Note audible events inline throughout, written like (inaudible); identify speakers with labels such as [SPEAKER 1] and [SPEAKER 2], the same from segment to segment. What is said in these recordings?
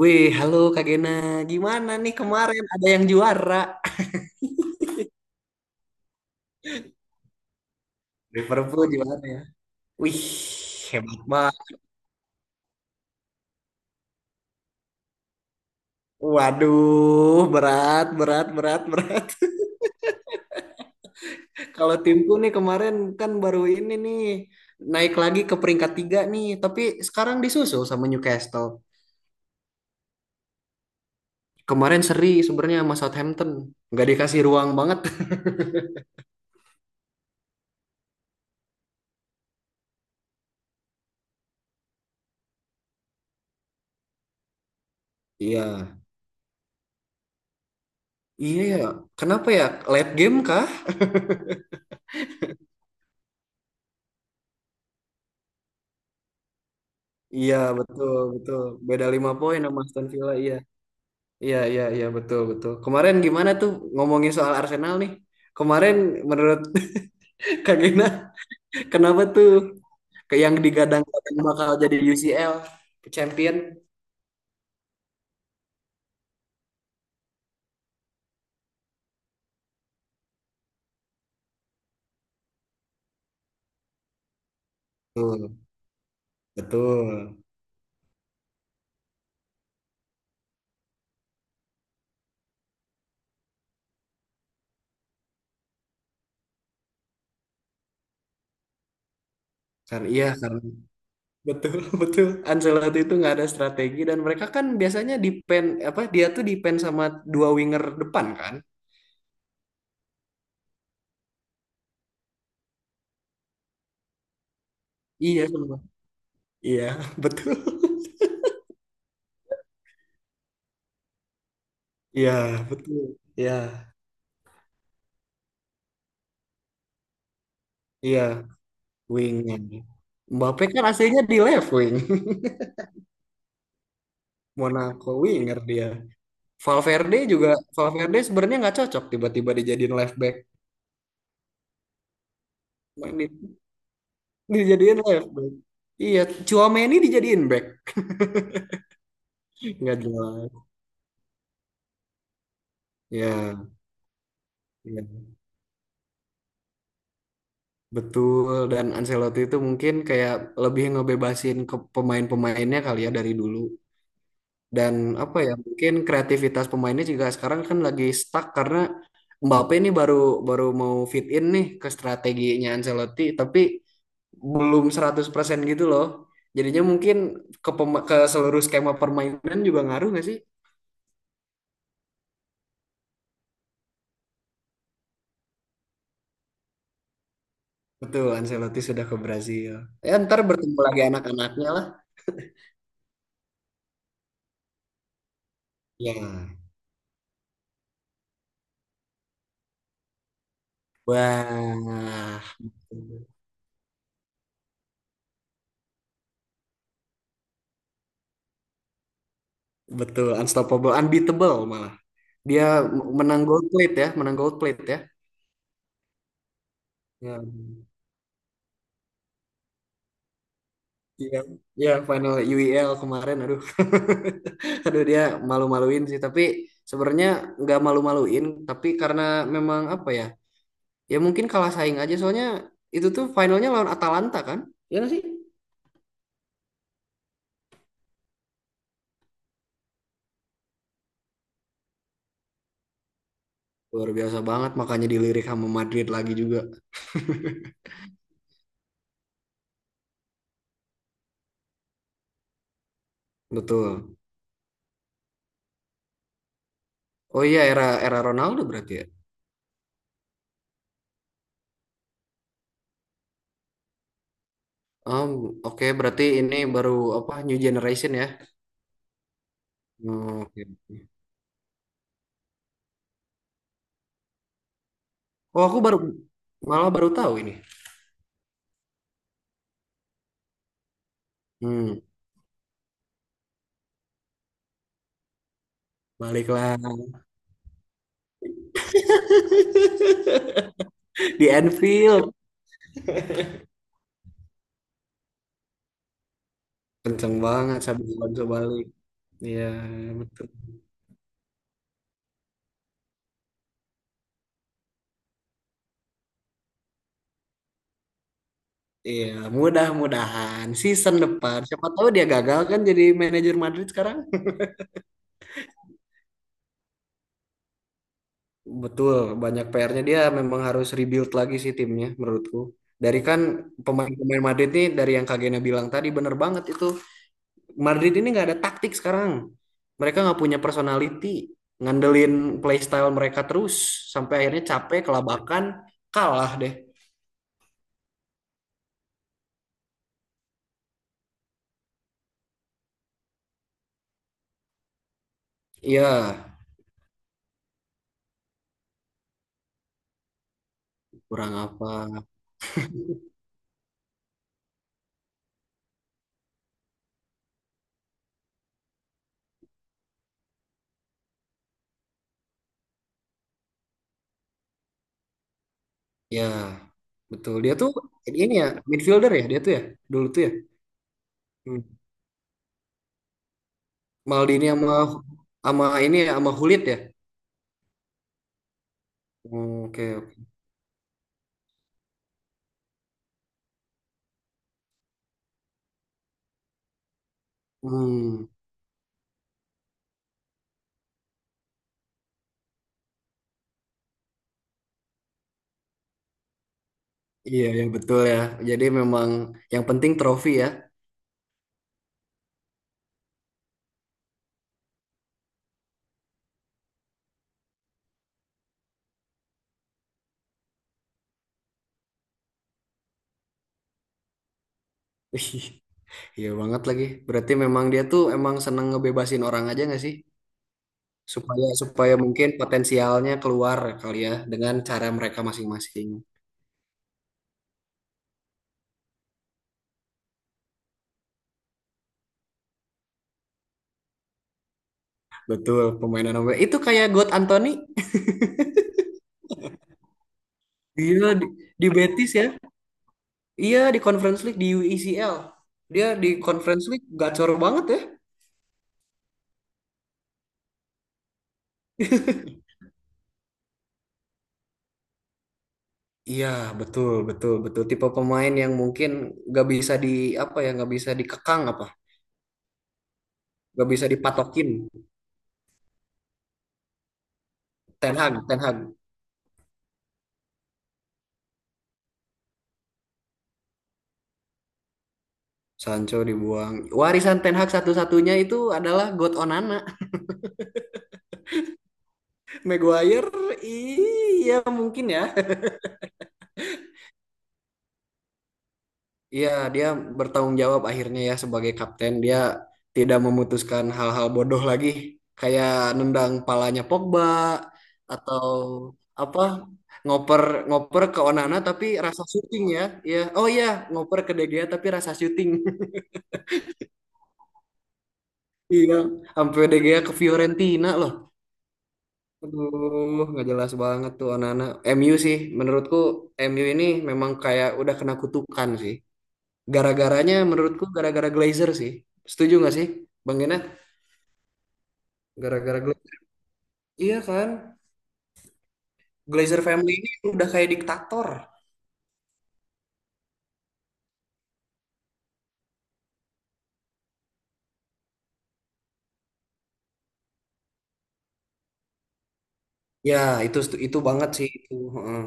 [SPEAKER 1] Wih, halo Kak Gena. Gimana nih kemarin ada yang juara? Liverpool juara ya. Wih, hebat banget. Waduh, berat, berat, berat, berat. (laughs) Kalau timku nih kemarin kan baru ini nih naik lagi ke peringkat tiga nih, tapi sekarang disusul sama Newcastle. Kemarin seri sebenarnya sama Southampton, nggak dikasih ruang banget. (laughs) Iya, iya ya. Kenapa ya? Late game kah? Iya, betul, betul. Beda 5 poin sama Aston Villa, iya. Iya, iya, iya, betul, betul. Kemarin gimana tuh ngomongin soal Arsenal nih? Kemarin menurut (laughs) Kak Gina, kenapa tuh ke yang digadang-gadang bakal jadi UCL champion? Betul, betul. Karena iya, karena betul, (laughs) betul. Ancelotti itu nggak ada strategi dan mereka kan biasanya depend apa dia tuh depend sama dua winger depan kan? Iya, semua. Iya, (laughs) betul. Iya, betul. Iya, iya, winger. Mbappe kan aslinya di left wing. Monaco winger dia. Valverde juga Valverde sebenarnya nggak cocok tiba-tiba dijadiin left back. Main di, dijadiin left back. Iya, Tchouaméni dijadiin back. Nggak jelas. Ya, iya, betul. Dan Ancelotti itu mungkin kayak lebih ngebebasin ke pemain-pemainnya kali ya dari dulu. Dan apa ya, mungkin kreativitas pemainnya juga sekarang kan lagi stuck karena Mbappe ini baru baru mau fit in nih ke strateginya Ancelotti, tapi belum 100% gitu loh. Jadinya mungkin ke seluruh skema permainan juga ngaruh nggak sih? Betul, Ancelotti sudah ke Brazil. Ya ntar bertemu lagi anak-anaknya lah. Ya. Wah. Betul, unstoppable, unbeatable malah. Dia menang gold plate ya, menang gold plate ya. Ya, ya, iya, ya, final UEL kemarin, aduh, (laughs) aduh dia malu-maluin sih. Tapi sebenarnya nggak malu-maluin, tapi karena memang apa ya, ya mungkin kalah saing aja soalnya itu tuh finalnya lawan Atalanta kan? Ya nggak sih? Luar biasa banget makanya dilirik sama Madrid lagi juga. Betul. Oh iya, era era Ronaldo berarti ya. Um, oke berarti ini baru apa new generation ya. Hmm, oke. Oh aku baru malah baru tahu ini. Hmm, baliklah (laughs) di Anfield. Kenceng banget sambil Alonso balik. Iya, betul. Iya, mudah-mudahan season depan siapa tahu dia gagal kan jadi manajer Madrid sekarang. Betul, banyak PR-nya dia memang harus rebuild lagi sih timnya menurutku. Dari kan pemain-pemain Madrid nih dari yang Kak Gena bilang tadi bener banget itu. Madrid ini nggak ada taktik sekarang. Mereka nggak punya personality, ngandelin playstyle mereka terus sampai akhirnya capek, kelabakan, kalah deh. Iya, kurang apa? Ya, betul. Dia tuh ini ya midfielder ya dia tuh ya dulu tuh ya. Hmm. Maldini sama sama ini ya sama Hulit ya. Hmm, oke, oke. Hmm. Iya, ya betul ya. Jadi memang yang penting trofi ya. Ih, iya banget lagi. Berarti memang dia tuh emang seneng ngebebasin orang aja nggak sih? Supaya supaya mungkin potensialnya keluar kali ya dengan cara mereka masing-masing. Betul, pemain nomor itu kayak God Anthony. Gila di Betis ya. Iya di Conference League di U E C L. Dia di Conference League gacor banget ya. Iya, betul, betul, betul. Tipe pemain yang mungkin gak bisa di apa ya, gak bisa dikekang apa, gak bisa dipatokin. Ten Hag, Ten Hag. Sancho dibuang. Warisan Ten Hag satu-satunya itu adalah God Onana. (laughs) Maguire, iya mungkin ya. Iya, dia bertanggung jawab akhirnya ya sebagai kapten. Dia tidak memutuskan hal-hal bodoh lagi. Kayak nendang palanya Pogba, atau apa, ngoper ngoper ke Onana tapi rasa syuting ya. Iya. Oh iya, ngoper ke De Gea tapi rasa syuting. (laughs) Iya, sampai De Gea ke Fiorentina loh. Aduh, nggak jelas banget tuh anak-anak. MU sih, menurutku MU ini memang kayak udah kena kutukan sih. Gara-garanya menurutku gara-gara Glazer sih. Setuju nggak sih, Bang Gena? Gara-gara Glazer. Iya kan? Glazer family ini udah kayak diktator. Ya, itu itu banget sih itu. Heeh.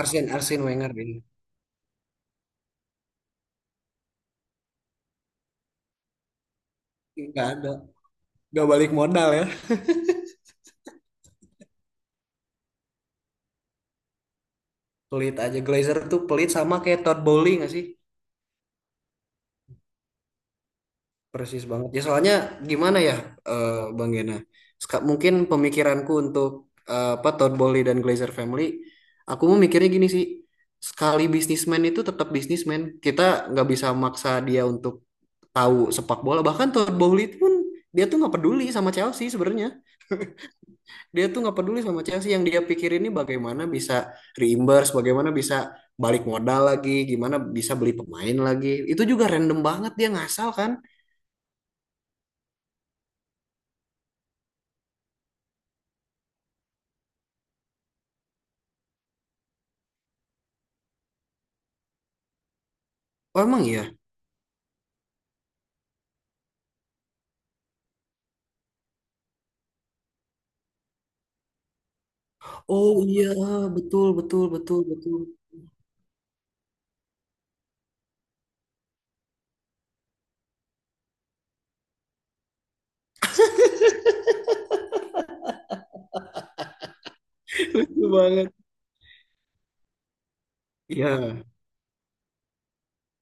[SPEAKER 1] Arsene Arsene Wenger ini. Nggak ada. Nggak balik modal ya. Pelit aja. Glazer tuh pelit sama kayak Todd Bowley nggak sih? Persis banget. Ya soalnya gimana ya, Bang Gena? Mungkin pemikiranku untuk, apa, Todd Bowley dan Glazer Family, aku mau mikirnya gini sih. Sekali bisnismen itu tetap bisnismen. Kita nggak bisa maksa dia untuk tahu sepak bola. Bahkan Todd Bowley pun dia tuh nggak peduli sama Chelsea sebenarnya. Dia tuh nggak peduli sama Chelsea. Yang dia pikirin ini bagaimana bisa reimburse, bagaimana bisa balik modal lagi, gimana bisa beli pemain lagi. Itu juga random banget dia ngasal kan. Oh emang ya. Oh iya, betul, betul, betul, betul. (laughs) Lucu banget. Iya,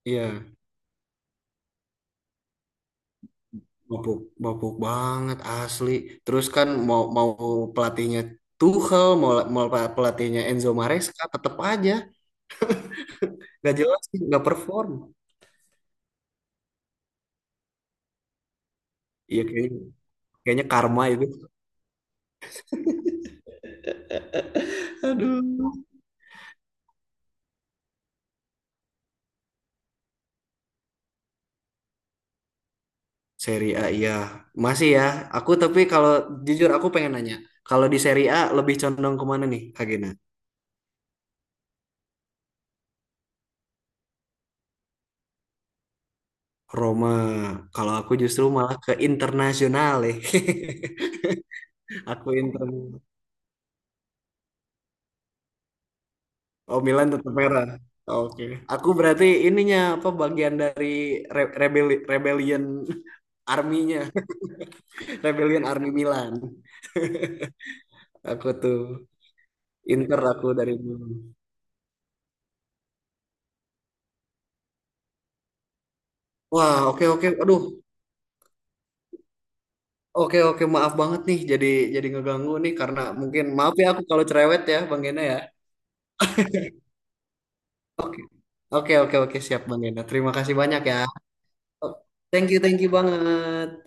[SPEAKER 1] iya, mabuk, mabuk banget asli. Terus kan mau mau pelatihnya Tuchel, mau mau pelatihnya Enzo Maresca, tetep aja nggak jelas, nggak perform. Iya kayaknya kayaknya karma itu. (laughs) Aduh. Seri A iya. Masih ya. Aku tapi kalau jujur aku pengen nanya, kalau di Seri A lebih condong kemana nih, Kak Gena? Roma. Kalau aku justru malah ke internasional ya. (laughs) Aku inter. Oh, Milan tetap merah. Oke. Aku berarti ininya apa bagian dari rebellion arminya, (laughs) rebellion army Milan. Aku tuh Inter aku dari dulu. Wah, oke oke. Aduh. Oke oke maaf banget nih jadi ngeganggu nih karena mungkin maaf ya aku kalau cerewet ya Bang Gena ya. Oke. Oke oke oke siap Bang Gena. Terima kasih banyak ya. Thank you banget.